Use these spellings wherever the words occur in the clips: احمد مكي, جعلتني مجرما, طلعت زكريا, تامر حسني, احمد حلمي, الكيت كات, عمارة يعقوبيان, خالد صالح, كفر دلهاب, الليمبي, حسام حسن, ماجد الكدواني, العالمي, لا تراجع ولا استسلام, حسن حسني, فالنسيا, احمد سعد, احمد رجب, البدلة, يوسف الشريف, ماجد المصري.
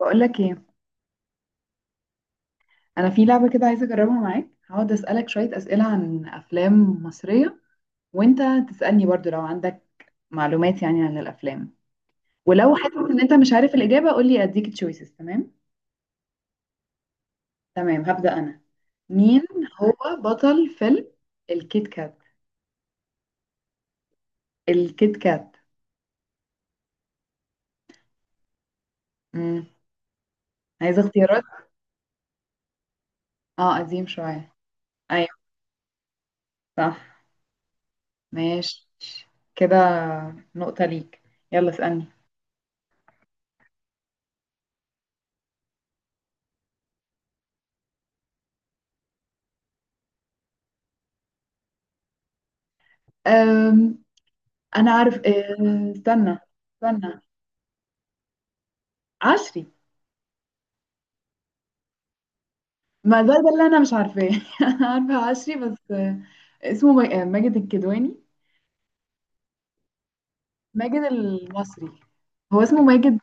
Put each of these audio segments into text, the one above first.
بقول لك ايه. انا في لعبه كده عايزه اجربها معاك. هقعد اسالك شويه اسئله عن افلام مصريه، وانت تسالني برضو لو عندك معلومات يعني عن الافلام. ولو حاسس ان انت مش عارف الاجابه قول لي اديك تشويسز. تمام تمام، هبدا انا. مين هو بطل فيلم الكيت كات؟ الكيت كات. امم عايزه اختيارات. اه قديم شويه. ايوه صح ماشي كده، نقطه ليك. يلا اسالني. أم... انا عارف، استنى. استنى. عصري. ما ده اللي انا مش عارفاه. انا عارفه عصري بس، اسمه ماجد الكدواني. ماجد المصري، هو اسمه ماجد.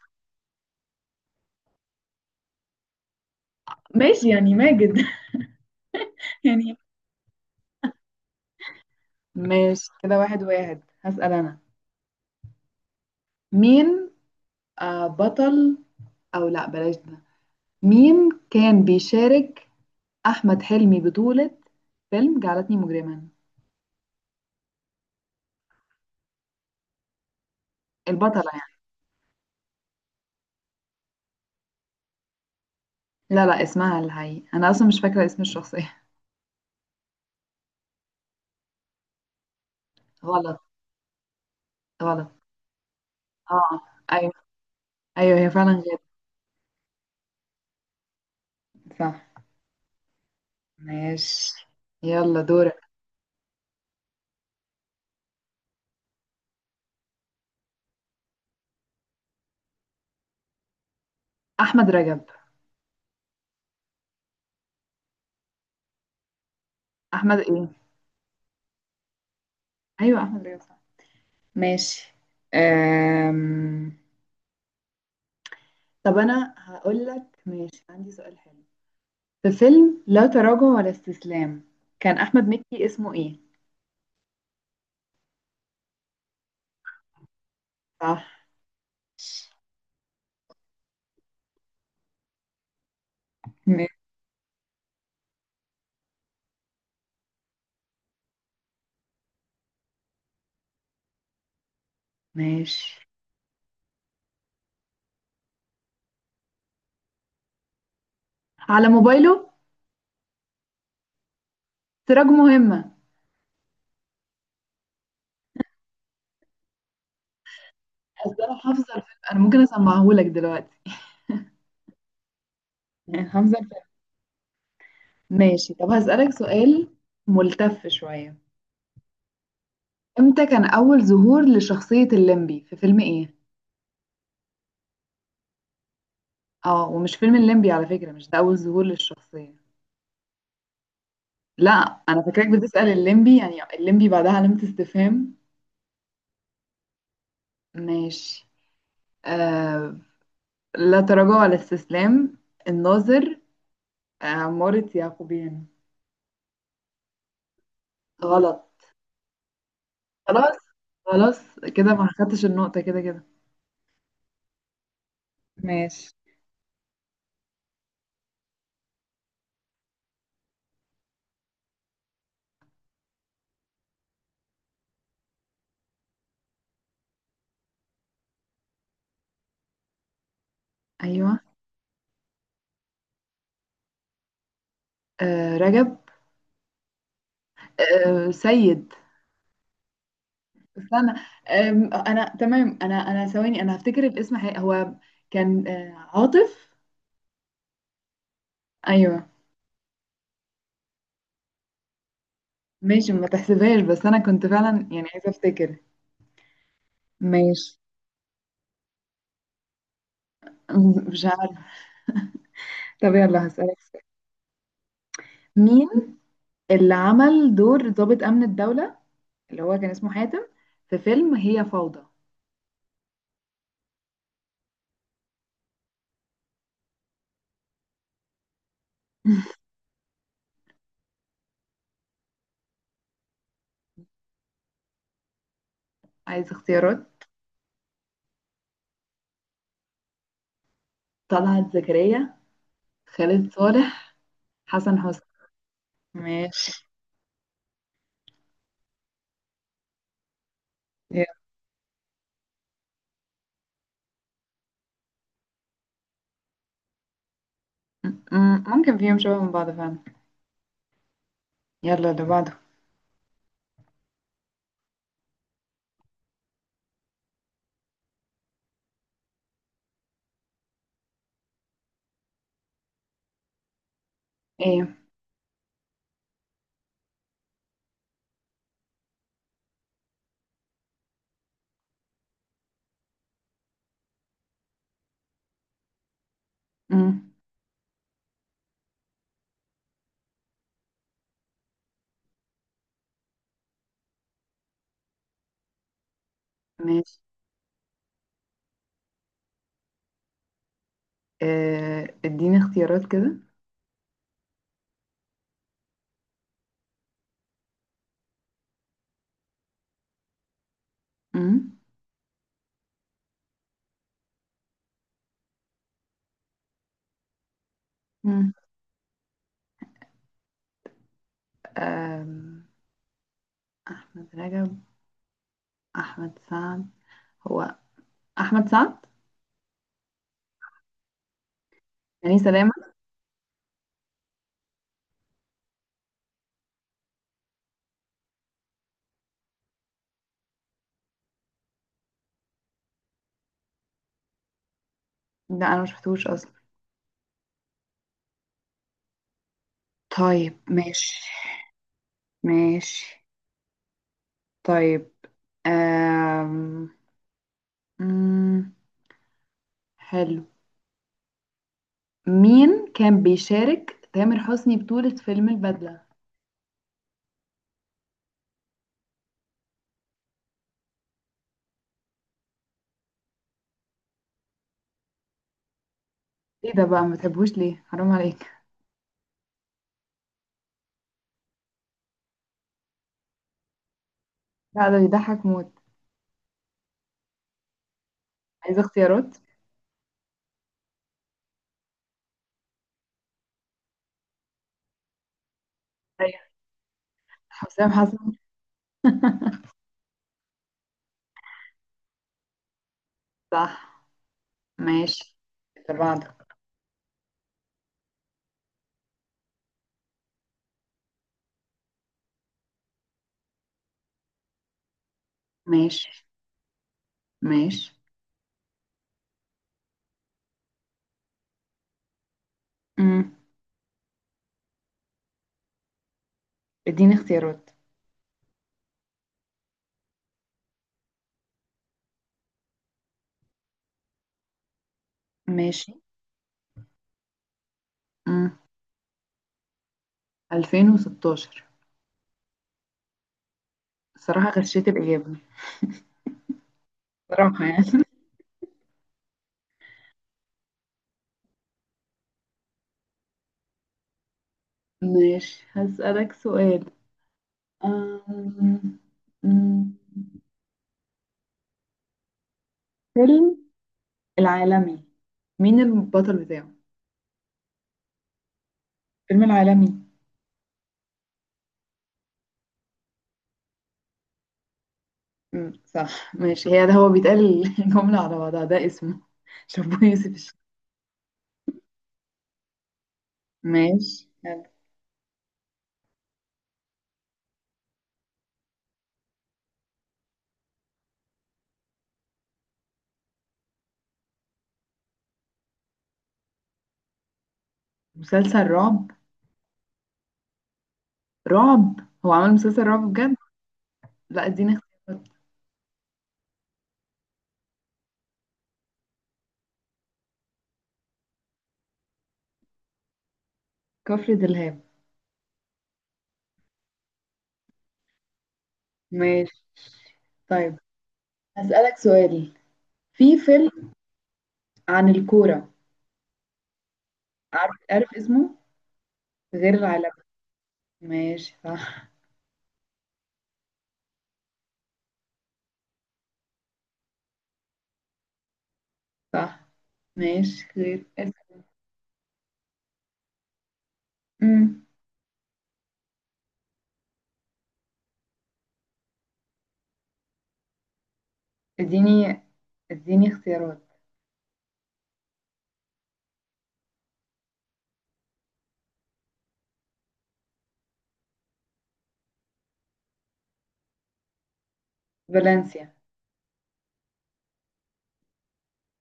ماشي يعني ماجد. يعني ماشي كده. واحد واحد هسأل انا. مين؟ آه، بطل، او لا بلاش ده. مين كان بيشارك احمد حلمي بطولة فيلم جعلتني مجرما؟ البطلة يعني. لا لا، اسمها الحقيقي انا اصلا مش فاكرة اسم الشخصية. غلط غلط. اه، ايوه ايوه، هي فعلا غير. صح ماشي. يلا دورك. احمد رجب. احمد ايه؟ ايوه احمد رجب صح. ماشي. أم... طب انا هقول لك. ماشي، عندي سؤال حلو. في فيلم لا تراجع ولا استسلام، كان احمد مكي اسمه ايه؟ صح. م- ماشي. على موبايله. سراج مهمة. أصل انا حافظة الفيلم، انا ممكن اسمعهولك دلوقتي. يعني حافظة الفيلم. ماشي. طب هسألك سؤال ملتف شوية. امتى كان أول ظهور لشخصية الليمبي، في فيلم ايه؟ اه، ومش فيلم الليمبي على فكرة، مش ده أول ظهور للشخصية. لا، أنا فاكراك بتسأل الليمبي، يعني الليمبي بعدها علامة استفهام. ماشي. آه لا تراجع ولا استسلام، الناظر، عمارة يعقوبيان. غلط. خلاص. خلاص كده، ما خدتش النقطة كده كده. ماشي. أيوه. رجب. سيد. استنى. انا تمام. انا ثواني، انا هفتكر الاسم حقيقي. هو كان عاطف. ايوه. ماشي، ما تحسبهاش، بس انا كنت فعلا يعني عايزه افتكر. ماشي. مش عارفه. طب يلا هسألك. مين اللي عمل دور ضابط امن الدوله، اللي هو كان اسمه حاتم، في فيلم هي فوضى؟ عايز اختيارات. طلعت زكريا، خالد صالح، حسن حسني. ماشي يلا. ممكن فيهم شبه من بعض فعلا. يلا اللي بعده. ايه. م- ماشي. اديني اختيارات كده. مم. مم. آم، احمد رجب، احمد سعد. هو احمد سعد، يعني سلامة. لا انا مش شفتوش اصلا. طيب ماشي. ماشي طيب. آم. مم. حلو. مين كان بيشارك تامر حسني بطولة فيلم البدلة؟ ايه ده بقى؟ ما بتحبوش ليه؟ حرام عليك. لا، ده بيضحك موت. عايزة اختيارات. ايوه حسام حسن. صح ماشي. اللي بعده. ماشي. ماشي، امم اديني اختيارات. ماشي، امم 2016. الصراحة غشيت الإجابة صراحة يعني. ماشي هسألك سؤال. أم... أم، فيلم العالمي، مين البطل بتاعه؟ فيلم العالمي. صح ماشي. هي ده هو بيتقال الجملة على بعضها، ده اسمه، شابو يوسف الشريف. ماشي يلا. مسلسل رعب. رعب، هو عمل مسلسل رعب بجد؟ لا، اديني اختيارات. كفر دلهاب. ماشي. طيب هسألك سؤال، في فيلم عن الكورة. عارف عارف اسمه، غير العالمي. ماشي صح. صح ماشي، غير. امم اديني، اختيارات. فالنسيا.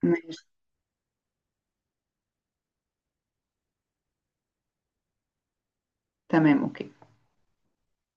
ماشي تمام اوكي.